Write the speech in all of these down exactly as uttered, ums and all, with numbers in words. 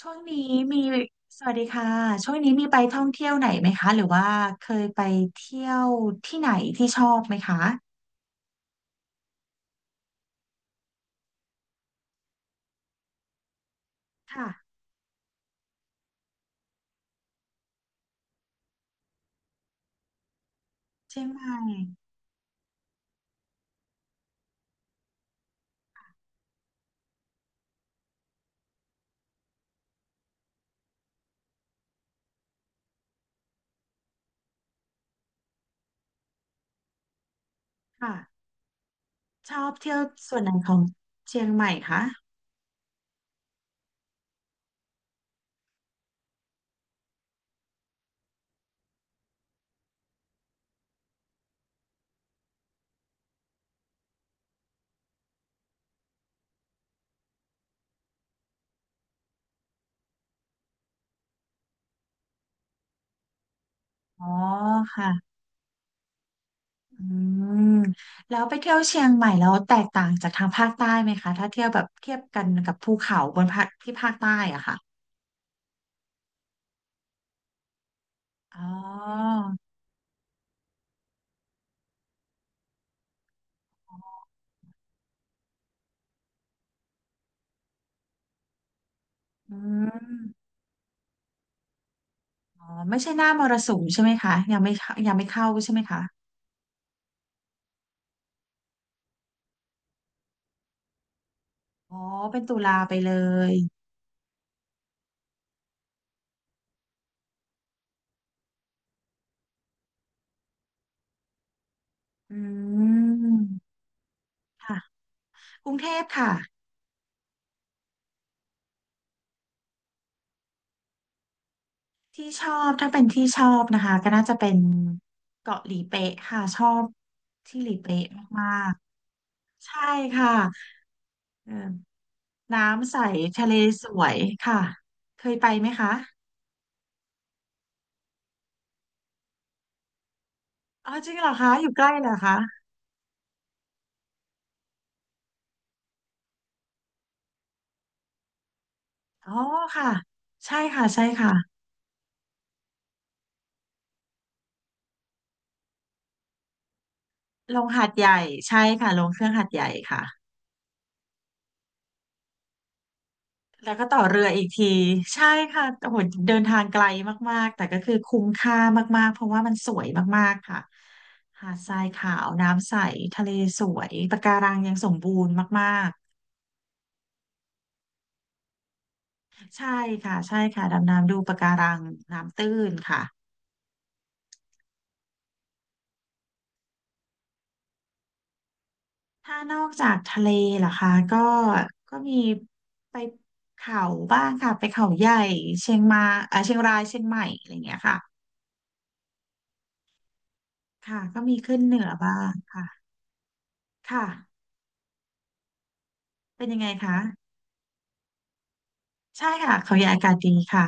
ช่วงนี้มีสวัสดีค่ะช่วงนี้มีไปท่องเที่ยวไหนไหมคะหรือว่าเคยไปเที่ยวที่ไหนที่ชอบไหมคะค่ะเชียงใหม่ค่ะชอบเที่ยวส่วนไหนของเชียงใหม่คะอ๋อค่ะอืมแล้วไปเที่ยวเชียงใหม่แล้วแตกต่างจากทางภาคใต้ไหมคะถ้าเที่ยวแบบเทียบกันกับภูเขาบนภาคที่ภาคใต้อะค่ะอ๋ออืมอ๋อไม่ใช่หน้ามรสุมใช่ไหมคะยังไม่เข้ายังไม่เข้าใช่ไหมคะ อ๋อเป็นตุลาไปเลยอืมค่ะกรุงเทพค่ะที่ชอบถ้าเป็นที่ชอบนะคะก็น่าจะเป็นเกาะหลีเป๊ะค่ะชอบที่หลีเป๊ะมากๆใช่ค่ะเออน้ำใสทะเลสวยค่ะเคยไปไหมคะอ๋อจริงเหรอคะอยู่ใกล้เหรอคะอ๋อค่ะใช่ค่ะใช่ค่ะลงหาดใหญ่ใช่ค่ะลงเครื่องหาดใหญ่ค่ะ แล้วก็ต่อเรืออีกทีใช่ค่ะโอ้โหเดินทางไกลมากๆแต่ก็คือคุ้มค่ามากๆเพราะว่ามันสวยมากๆค่ะหาดทรายขาวน้ำใสทะเลสวยปะการังยังสมบูรณ์มากๆใช่ค่ะใช่ค่ะดำน้ำดูปะการังน้ำตื้นค่ะถ้านอกจากทะเลล่ะคะก็ก็มีไปเขาบ้างค่ะไปเขาใหญ่เชียงมาเออเชียงรายเชียงใหม่อะไรอย่างเงี้ยค่ะค่ะก็มีขึ้นเหนือบ้างค่ะค่ะเป็นยังไงคะ ใช่ค่ะเขาใหญ่อากาศดีค่ะ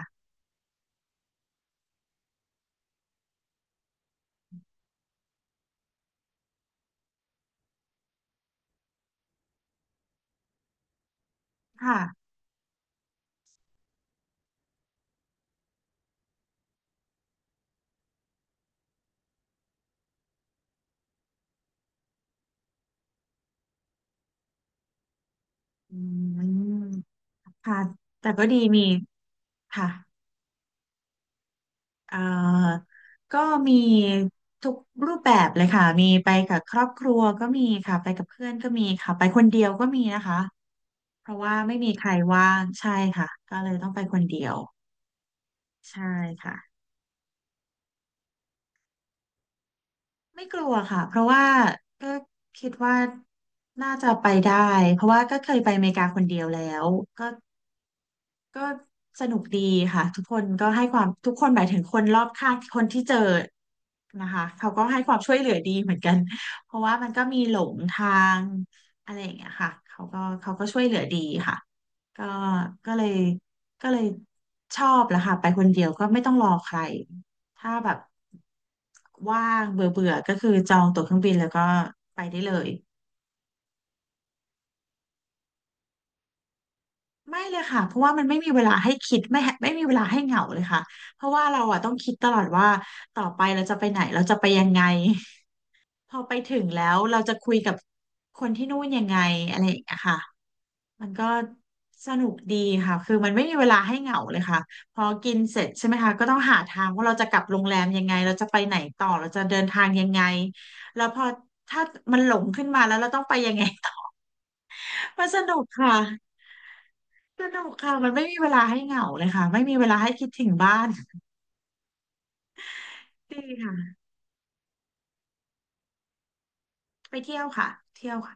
ค่ะอืมค่ะแต่ก็ดีมีค่ะเอ่อก็มีทุกรูปแบบเลยค่ะมีไปกับครอบครัวก็มีค่ะไปกับเพื่อนก็มีค่ะไปคนเดียวก็มีนะคะเพราะว่าไม่มีใครว่างใช่ค่ะก็เลยต้องไปคนเดียวใช่ค่ะไม่กลัวค่ะเพราะว่าก็คิดว่าน่าจะไปได้เพราะว่าก็เคยไปอเมริกาคนเดียวแล้วก็ ก็สนุกดีค่ะทุกคนก็ให้ความทุกคนหมายถึงคนรอบข้างคนที่เจอนะคะเขาก็ให้ความช่วยเหลือดีเหมือนกันเพราะว่ามันก็มีหลงทางอะไรอย่างเงี้ยค่ะเขาก็เขาก็ช่วยเหลือดีค่ะก็ก็เลยก็เลยชอบแหละค่ะไปคนเดียวก็ไม่ต้องรอใครถ้าแบบว่างเบื่อเบื่อก็คือจองตั๋วเครื่องบินแล้วก็ไปได้เลย ไม่เลยค่ะเพราะว่ามันไม่มีเวลาให้คิดไม่แฮไม่มีเวลาให้เหงาเลยค่ะเพราะว่าเราอะต้องคิดตลอดว่าต่อไปเราจะไปไหนเราจะไปยังไงพอไปถึงแล้วเราจะคุยกับคนที่นู่นยังไงอะไรอย่างเงี้ยค่ะมันก็สนุกดีค่ะคือมันไม่มีเวลาให้เหงาเลยค่ะพอกินเสร็จใช่ไหมคะก็ต้องหาทางว่าเราจะกลับโรงแรมยังไงเราจะไปไหนต่อเราจะเดินทางยังไงแล้วพอถ้ามันหลงขึ้นมาแล้วเราต้องไปยังไง มันสนุกค่ะ สนุกค่ะมันไม่มีเวลาให้เหงาเลยค่ะไม่มีเวลาให้คิดถึงบ้านดีค่ะไปเที่ยวค่ะเที่ยวค่ะ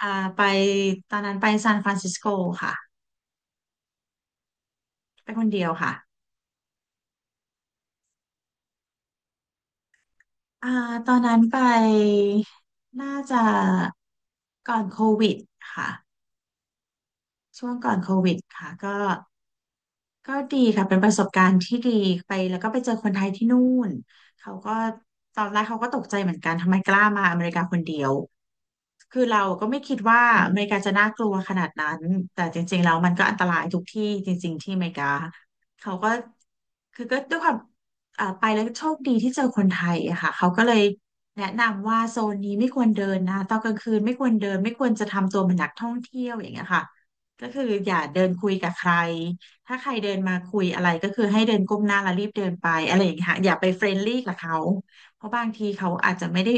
อ่าไปตอนนั้นไปซานฟรานซิสโกค่ะไปคนเดียวค่ะอ่าตอนนั้นไปน่าจะก่อนโควิดค่ะช่วงก่อนโควิดค่ะก็ ก็ดีค่ะเป็นประสบการณ์ที่ดีไปแล้วก็ไปเจอคนไทยที่นู่นเขาก็ตอนแรกเขาก็ตกใจเหมือนกันทำไมกล้ามาอเมริกาคนเดียวคือเราก็ไม่คิดว่าอเมริกาจะน่ากลัวขนาดนั้นแต่จริงๆแล้วมันก็อันตรายทุกที่จริงๆที่อเมริกาเขาก็คือก็ด้วยความอ่าไปแล้วโชคดีที่เจอคนไทยอะค่ะเขาก็เลยแนะนำว่าโซนนี้ไม่ควรเดินนะตอนกลางคืนไม่ควรเดินไม่ควรจะทำตัวเป็นนักท่องเที่ยวอย่างเงี้ยค่ะก็คืออย่าเดินคุยกับใคร ถ้าใครเดินมาคุยอะไรก็คือให้เดินก้มหน้าแล้วรีบเดินไปอะไรอย่างเงี้ยค่ะอย่าไปเฟรนลี่กับเขาเพราะบางทีเขาอาจจะไม่ได้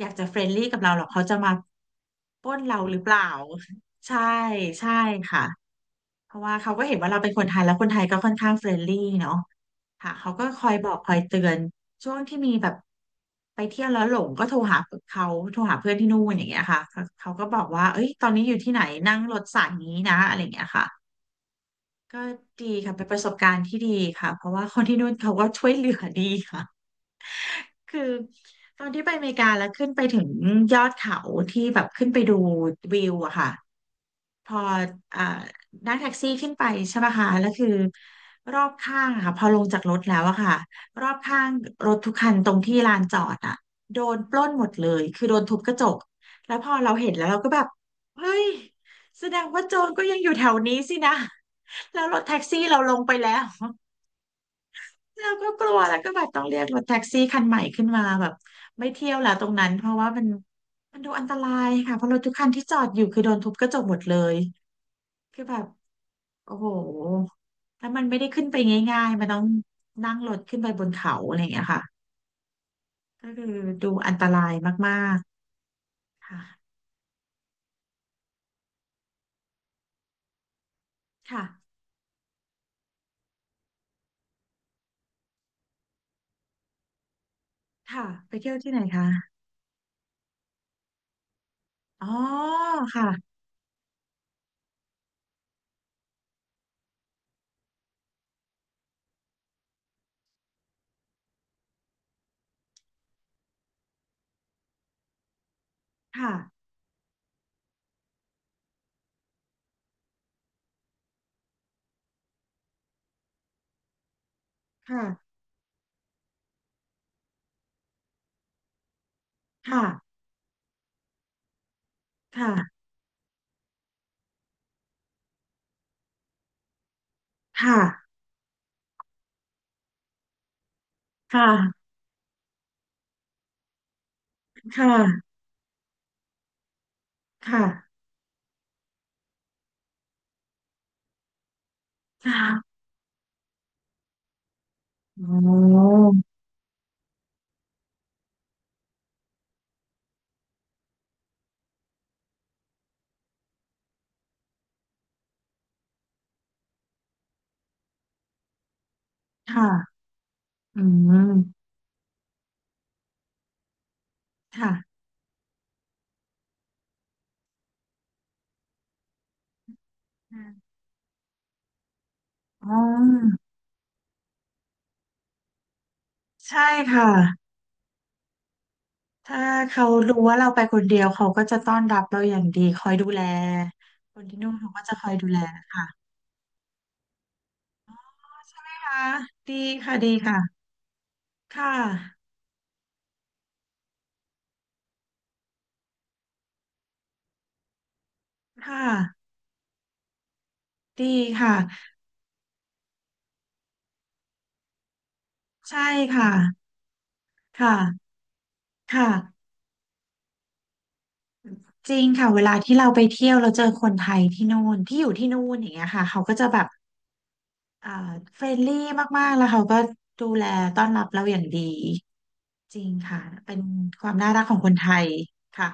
อยากจะเฟรนลี่กับเราหรอกเขาจะมาปล้นเราหรือเปล่าใช่ใช่ค่ะเพราะว่าเขาก็เห็นว่าเราเป็นคนไทยแล้วคนไทยก็ค่อนข้างเฟรนลี่เนาะค่ะเขาก็คอยบอกคอยเตือนช่วงที่มีแบบไปเที่ยวแล้วหลงก็โทรหาเขาโทรหาเพื่อนที่นู่นอย่างเงี้ยค่ะเขาเขาก็บอกว่าเอ้ยตอนนี้อยู่ที่ไหนนั่งรถสายนี้นะอะไรอย่างเงี้ยค่ะ ก็ดีค่ะเป็นประสบการณ์ที่ดีค่ะเพราะว่าคนที่นู่นเขาก็ช่วยเหลือดีค่ะคือตอนที่ไปอเมริกาแล้วขึ้นไปถึงยอดเขาที่แบบขึ้นไปดูวิวอะค่ะ พออ่านั่งแท็กซี่ขึ้นไปใช่ไหมคะแล้วคือรอบข้างอะค่ะพอลงจากรถแล้วอะค่ะรอบข้างรถทุกคันตรงที่ลานจอดอะโดนปล้นหมดเลยคือโดนทุบกระจกแล้วพอเราเห็นแล้วเราก็แบบเฮ้ยแสดงว่าโจรก็ยังอยู่แถวนี้สินะ แล้วรถแท็กซี่เราลงไปแล้ว เราก็กลัวแล้วก็แบบต้องเรียกรถแท็กซี่คันใหม่ขึ้นมาแบบไม่เที่ยวแล้วตรงนั้นเพราะว่ามันมันดูอันตรายค่ะเพราะรถทุกคันที่จอดอยู่คือโดนทุบกระจกหมดเลยคือแบบ โอ้โหถ้ามันไม่ได้ขึ้นไปง่ายๆมันต้องนั่งรถขึ้นไปบนเขาอะไรอย่างเงี้ยค่ะก็คือดูอันตรายมากๆค่ะค่ะค่ะไปเที่ยวที่ไหนคะอ๋อค่ะค่ะค่ะค่ะค่ะค่ะค่ะค่ะค่ะค่ะโอ้ค่ะอืมค่ะอ๋อใช่ค่ะ ถ้าเขารู้ว่าเราไปคนเดียวเขาก็จะต้อนรับเราอย่างดีคอยดูแลคนที่นู่นเขาก็จะคอยดูแลนะคะค่ะดีค่ะดีค่ะค่ะค่ะดีค่ะใช่ค่ะค่ะค่ะจริงค่ะเวลาที่เราไปเที่ยวเราเจอคนไทยที่นู่นที่อยู่ที่นู่นอย่างเงี้ยค่ะเขาก็จะแบบอ่าเฟรนลี่มากๆแล้วเขาก็ดูแลต้อนรับเราอย่างดีจริงค่ะเป็นความน่ารักของคนไทยค่ะ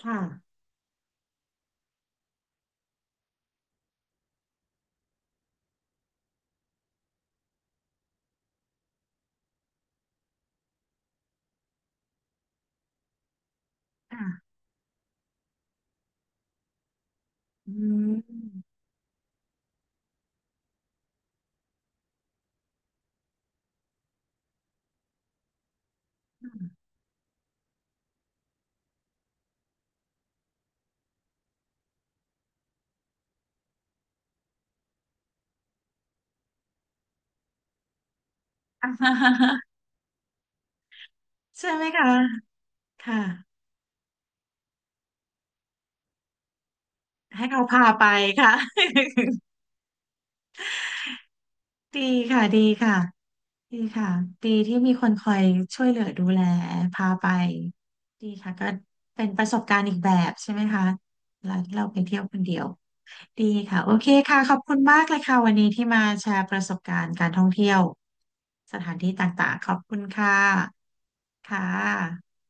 ค่ะค่ะอืม อ่าใช่ไหมคะค่ะให้เขาพาไปค่ะ ดีค่ะดีค่ะดีค่ะดีที่มีคนคอยช่วยเหลือดูแลพาไปดีค่ะก็เป็นประสบการณ์อีกแบบใช่ไหมคะแล้วเราไปเที่ยวคนเดียวดีค่ะโอเคค่ะขอบคุณมากเลยค่ะวันนี้ที่มาแชร์ประสบการณ์การท่องเที่ยวสถานที่ต่างๆขอบคุณค่ะค่ะ